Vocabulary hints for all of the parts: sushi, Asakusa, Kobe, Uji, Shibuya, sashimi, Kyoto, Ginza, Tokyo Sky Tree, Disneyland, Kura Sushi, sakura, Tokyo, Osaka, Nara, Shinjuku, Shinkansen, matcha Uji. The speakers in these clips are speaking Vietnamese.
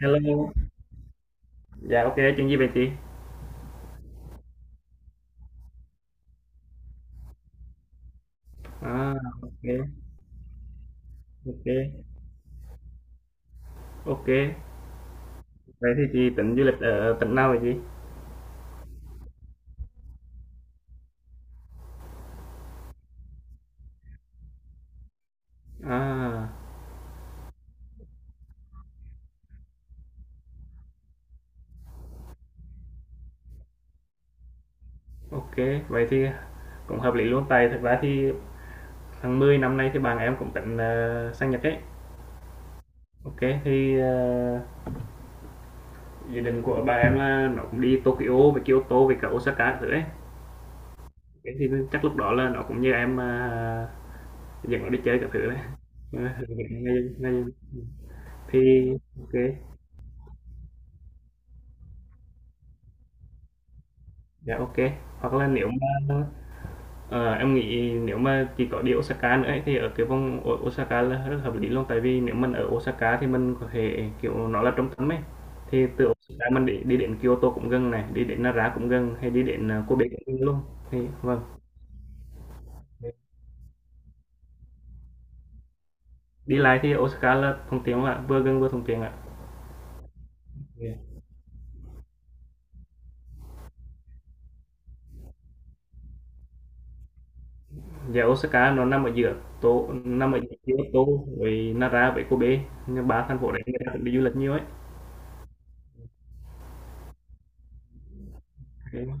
Hello, dạ OK, chuyện gì vậy chị? À, OK, OK, OK. Vậy thì chị tính du lịch ở tỉnh nào vậy chị? À, OK, vậy thì cũng hợp lý luôn. Tại thật ra thì tháng 10 năm nay thì bạn em cũng tính sang Nhật ấy. OK, thì ờ, dự định của bạn em là nó cũng đi Tokyo, với Kyoto, với cả Osaka các thứ ấy. Thế thì chắc lúc đó là nó cũng như em dẫn nó đi chơi các thứ đấy. Ngay- ngay- thì ok, dạ ok, hoặc là nếu mà em nghĩ nếu mà chỉ có đi Osaka nữa ấy, thì ở cái vùng Osaka là rất hợp lý luôn, tại vì nếu mình ở Osaka thì mình có thể kiểu nó là trung tâm ấy, thì từ Osaka mình đi đến Kyoto cũng gần, này đi đến Nara cũng gần, hay đi đến Kobe cũng gần luôn, thì vâng. Đi lại thì Osaka là thuận tiện ạ, vừa gần vừa thuận tiện ạ. Dạ. Dạ, Osaka nó nằm ở giữa Tô, nằm ở giữa Kyoto với Nara với Kobe. Nhưng ba thành phố đấy người ta cũng đi du lịch nhiều ấy. Thế mà.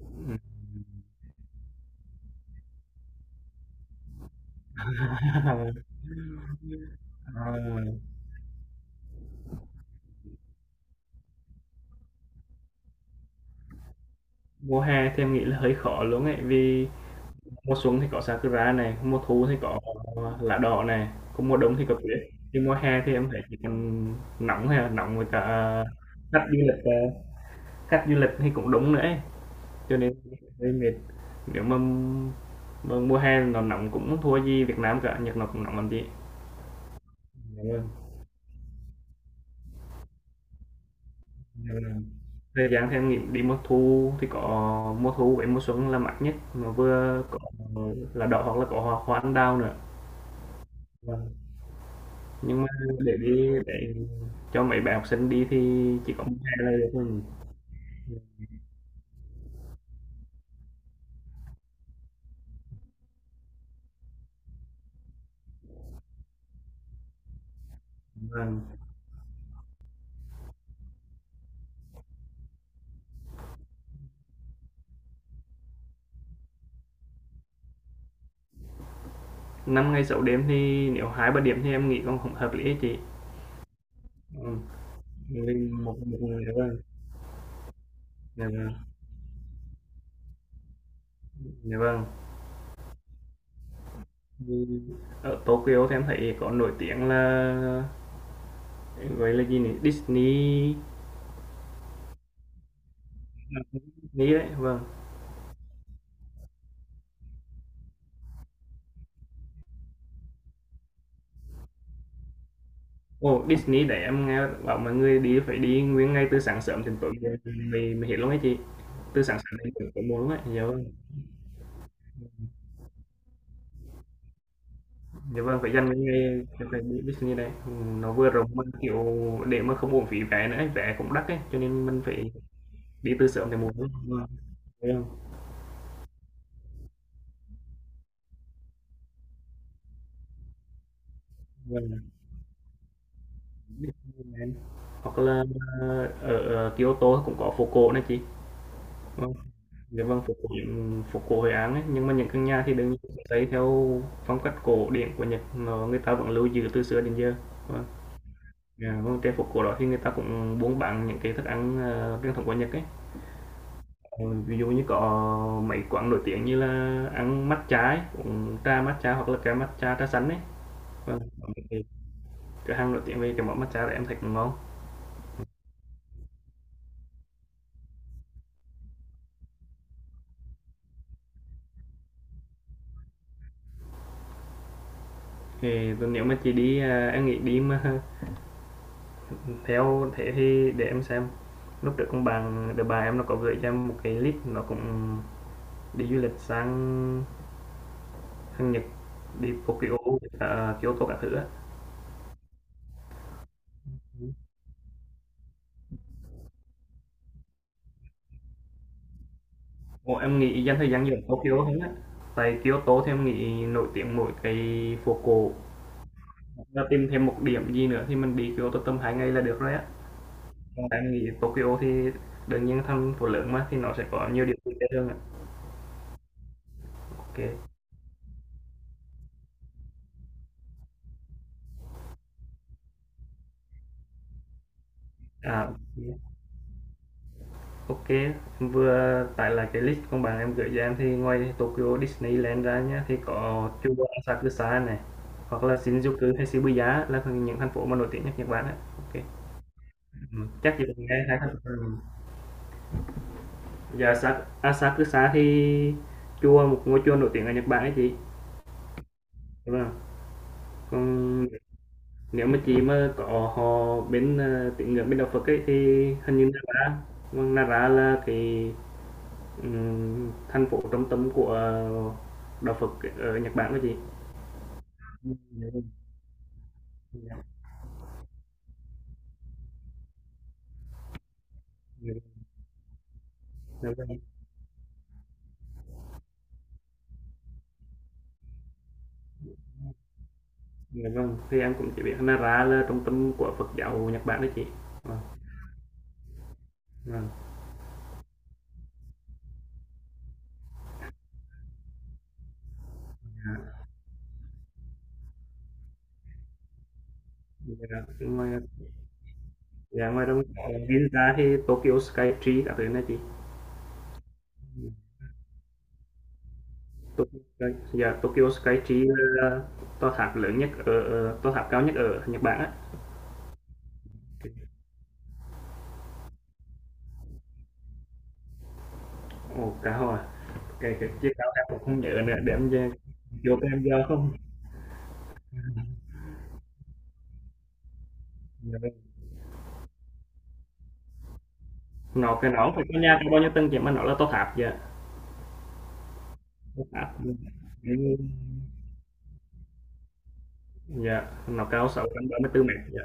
Ừ. À, mùa hè thì em nghĩ là hơi khó luôn ấy, vì mùa xuân thì có sakura này, mùa thu thì có lá đỏ này, còn mùa đông thì có tuyết. Thì mùa hè thì em thấy chỉ còn nóng, hay là nóng với cả khách du lịch khách du lịch thì cũng đúng nữa ấy. Cho nên hơi mệt. Nếu mà mùa hè nó nóng cũng không thua gì Việt Nam cả, Nhật nó cũng nóng làm gì. Dạ vâng. Dạ vâng. Thời gian thì em nghĩ đi mùa thu thì có mùa thu với mùa xuân là mát nhất, mà vừa có lá đỏ hoặc là có hoa hoa anh đào nữa. Dạ vâng. Nhưng mà để đi, để cho mấy bạn học sinh đi thì chỉ có 1 ngày là được thôi. Vâng, 5 ngày sáu đêm thì nếu 2-3 điểm thì em nghĩ còn không hợp lý á chị. Ừm, mình một một người nữa vâng. Dạ vâng, dạ vâng. Thì ở Tokyo thì em thấy có nổi tiếng là, gọi là gì nhỉ? Disney. Disney đấy, vâng. Ồ, Disney để em nghe bảo mọi người đi phải đi nguyên ngay từ sáng sớm đến tối muộn thì mới mới hết luôn ấy chị. Từ sáng sớm đến tối tối muộn ấy, dạ vâng. Dạ vâng, phải dành cái ngày đi Disney này, nó vừa rộng mà, kiểu, để mà không uổng phí vé nữa ấy, vé cũng đắt ấy, cho nên mình phải đi từ sớm để muộn. Vâng, dạ vâng, vâng. Disneyland. Hoặc là ở Kyoto cũng có phố cổ này chị. Vâng, dạ vâng, phố cổ Hội An ấy, nhưng mà những căn nhà thì đương nhiên sẽ xây theo phong cách cổ điển của Nhật, nó người ta vẫn lưu giữ từ xưa đến giờ. Vâng. Dạ, vâng, trên phố cổ đó thì người ta cũng buôn bán những cái thức ăn truyền thống của Nhật ấy. Ừ, ví dụ như có mấy quán nổi tiếng như là ăn matcha ấy, uống trà matcha hoặc là cái matcha trà xanh ấy. Vâng, có mấy cái cửa hàng nổi tiếng về cái món matcha đấy em thấy cũng ngon. Thì nếu mà chị đi à, em nghĩ đi mà theo thế thì để em xem. Lúc trước con bạn đứa bà em nó có gửi cho em một cái list, nó cũng đi du lịch sang sang Nhật, đi Tokyo, à, Kyoto các thứ á. Ủa, em nghĩ dành thời gian du lịch Tokyo hơn á. Tại Kyoto thì em nghĩ nổi tiếng mỗi cái phố cổ. Và tìm thêm một điểm gì nữa thì mình đi Kyoto tầm 2 ngày là được rồi á. Còn em nghĩ Tokyo thì đương nhiên thành phố lớn mà, thì nó sẽ có nhiều điểm vui chơi hơn ạ. Ok. À, ok. Em vừa tải lại cái list con bạn em gửi cho em thì ngoài Tokyo Disneyland ra nhá, thì có Chuba Asakusa này, hoặc là Shinjuku hay Shibuya là những thành phố mà nổi tiếng nhất Nhật Bản á. Ok. Ừ, chắc chỉ cần nghe 2 thành phố. Ừ. Dạ Asakusa thì chùa, một ngôi chùa nổi tiếng ở Nhật Bản ấy chị. Đúng không? Còn nếu mà chị mà có họ bên, tín ngưỡng bên đạo Phật ấy, thì hình như Nara, vâng, Nara là cái, thành phố trung tâm của đạo Phật ở Nhật Bản đó chị. Ừm, Dạ vâng. Dạ, dạ, dạ vâng. Dạ vâng, thì em cũng chỉ biết Nara là trung tâm của Phật giáo Nhật Bản đó chị. Vâng, vâng. Dạ, dạ. Dạ, ngoài ra còn Ginza thì Tokyo Sky Tree các thứ này chị. Tokyo Sky, dạ, Tokyo Sky Tree là tòa tháp lớn nhất ở tòa tháp cao nhất ở Nhật Bản á. Ồ, cá hồi, à? Cái chiếc cao em cũng không nhớ nữa, để em về- vô cái em giờ không. Dạ. Nó cái nó phải có nhà cao bao nhiêu tầng chị mà nó là tòa tháp dạ. Tòa tháp. Ừ, dạ, nó cao 634 mét dạ.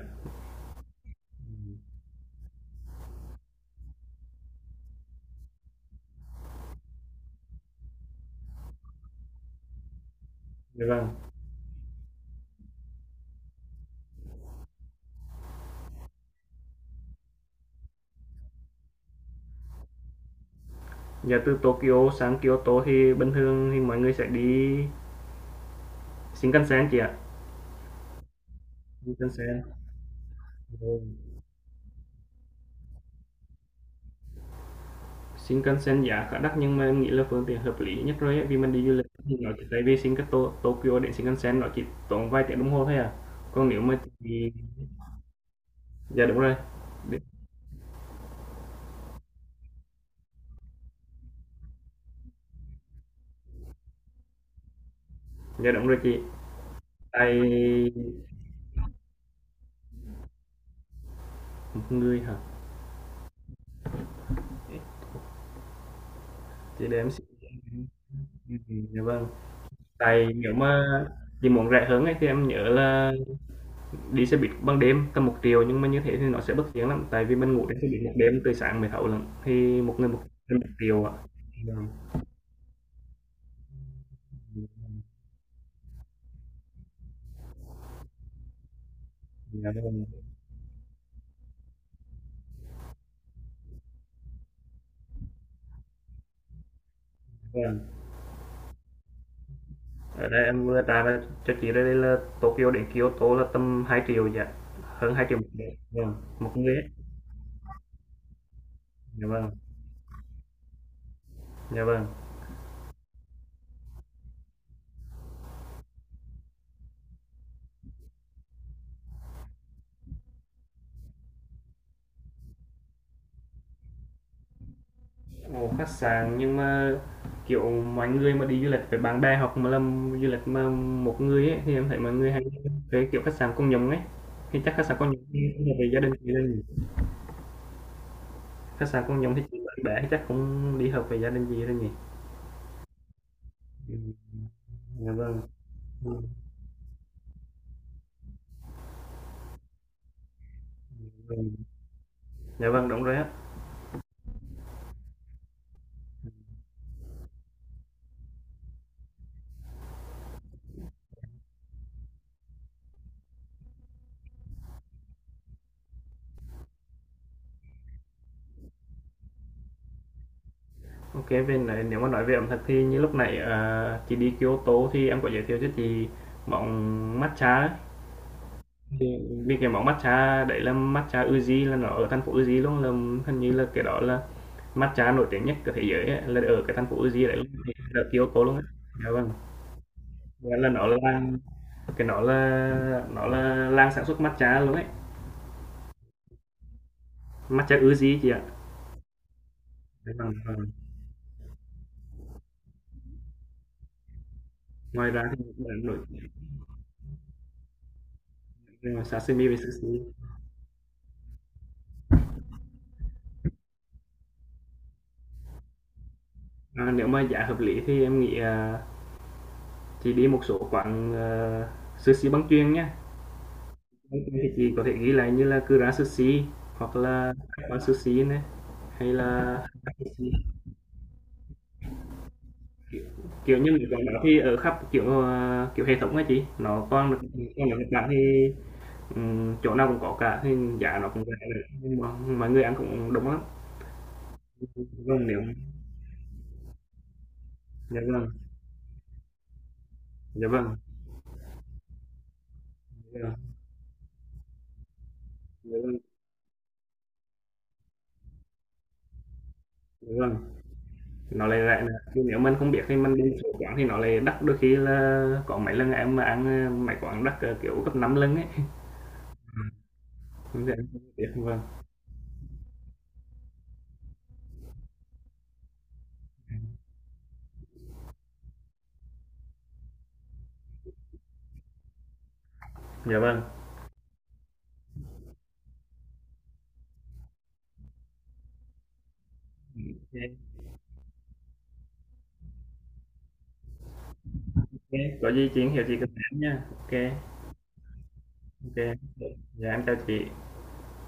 Dạ vâng. Dạ từ Tokyo sang Kyoto thì bình thường thì mọi người sẽ đi Shinkansen chị ạ. Shinkansen. Ừ. Shinkansen giá khá đắt nhưng mà em nghĩ là phương tiện hợp lý nhất rồi ấy, vì mình đi du lịch thì nó chỉ tại vì Shinkanto Tokyo đến Shinkansen nó chỉ tốn vài tiếng đồng hồ thôi à, còn nếu mà chị dạ đúng rồi. Đi- dạ đúng rồi chị, tại một người hả chị để em xin, dạ vâng, tại nếu mà chị muốn rẻ hơn ấy, thì em nhớ là đi xe buýt ban đêm tầm 1 triệu, nhưng mà như thế thì nó sẽ bất tiện lắm, tại vì mình ngủ trên xe buýt một đêm từ sáng mới thấu lận, thì một người một, 1 triệu ạ. Vâng. Dạ vâng. Vâng, ở đây em vừa trả lời cho chị đây là Tokyo đến Kyoto là tầm 2 triệu dạ, hơn 2 triệu một người, vâng, một người ấy, dạ vâng, dạ vâng. Ồ, khách sạn nhưng mà kiểu mọi người mà đi du lịch với bạn bè, hoặc mà làm du lịch mà một người ấy, thì em thấy mọi người hay thuê kiểu khách sạn công nhóm ấy, thì chắc khách sạn công nhóm thì không hợp với gia đình gì đâu nhỉ. Khách sạn công nhóm thì chỉ bạn bè thì chắc không đi hợp với gia đình gì đâu nhỉ. Ừ, dạ vâng. Ừ, dạ vâng, dạ vâng đúng rồi. OK, về nói nếu mà nói về ẩm thực thì như lúc nãy, chị đi Kyoto thì em có giới thiệu cho chị món matcha ấy. Thì vì cái món matcha đấy là matcha Uji, là nó ở thành phố Uji luôn, là hình như là cái đó là matcha nổi tiếng nhất của thế giới ấy, là ở cái thành phố Uji đấy, ở Kyoto luôn á. Dạ vâng, nghĩa là nó là làng, cái nó là làng sản xuất matcha luôn ấy, matcha Uji chị ạ. Dạ vâng, dạ vâng. Ngoài ra thì nổi nổi sashimi với sushi. À, nếu mà giá hợp lý thì em nghĩ, à, chị đi một số quán sushi băng chuyền nhá. Băng chuyền thì chị có thể ghi lại như là Kura Sushi, hoặc là các quán sushi này, hay là kiểu như mấy quán đó thì ở khắp kiểu kiểu hệ thống á chị nó còn được, còn ở Nhật Bản thì chỗ nào cũng có cả, thì giá nó cũng rẻ nữa nhưng mà mọi người ăn cũng đông lắm. Vâng nếu, dạ vâng, dạ vâng, dạ vâng, dạ vâng, dạ vâng. Nó lại rẻ nữa nhưng nếu mình không biết thì mình đi một số quán thì nó lại đắt, đôi khi là có mấy lần em mà ăn mấy quán đắt kiểu gấp 5 lần ấy. Ừm, hướng dẫn cho việc, vâng. Dạ vâng, ok kê, có gì chị hiểu chị cứ nói nha. Ok ok ô kê. Dạ, em chào chị.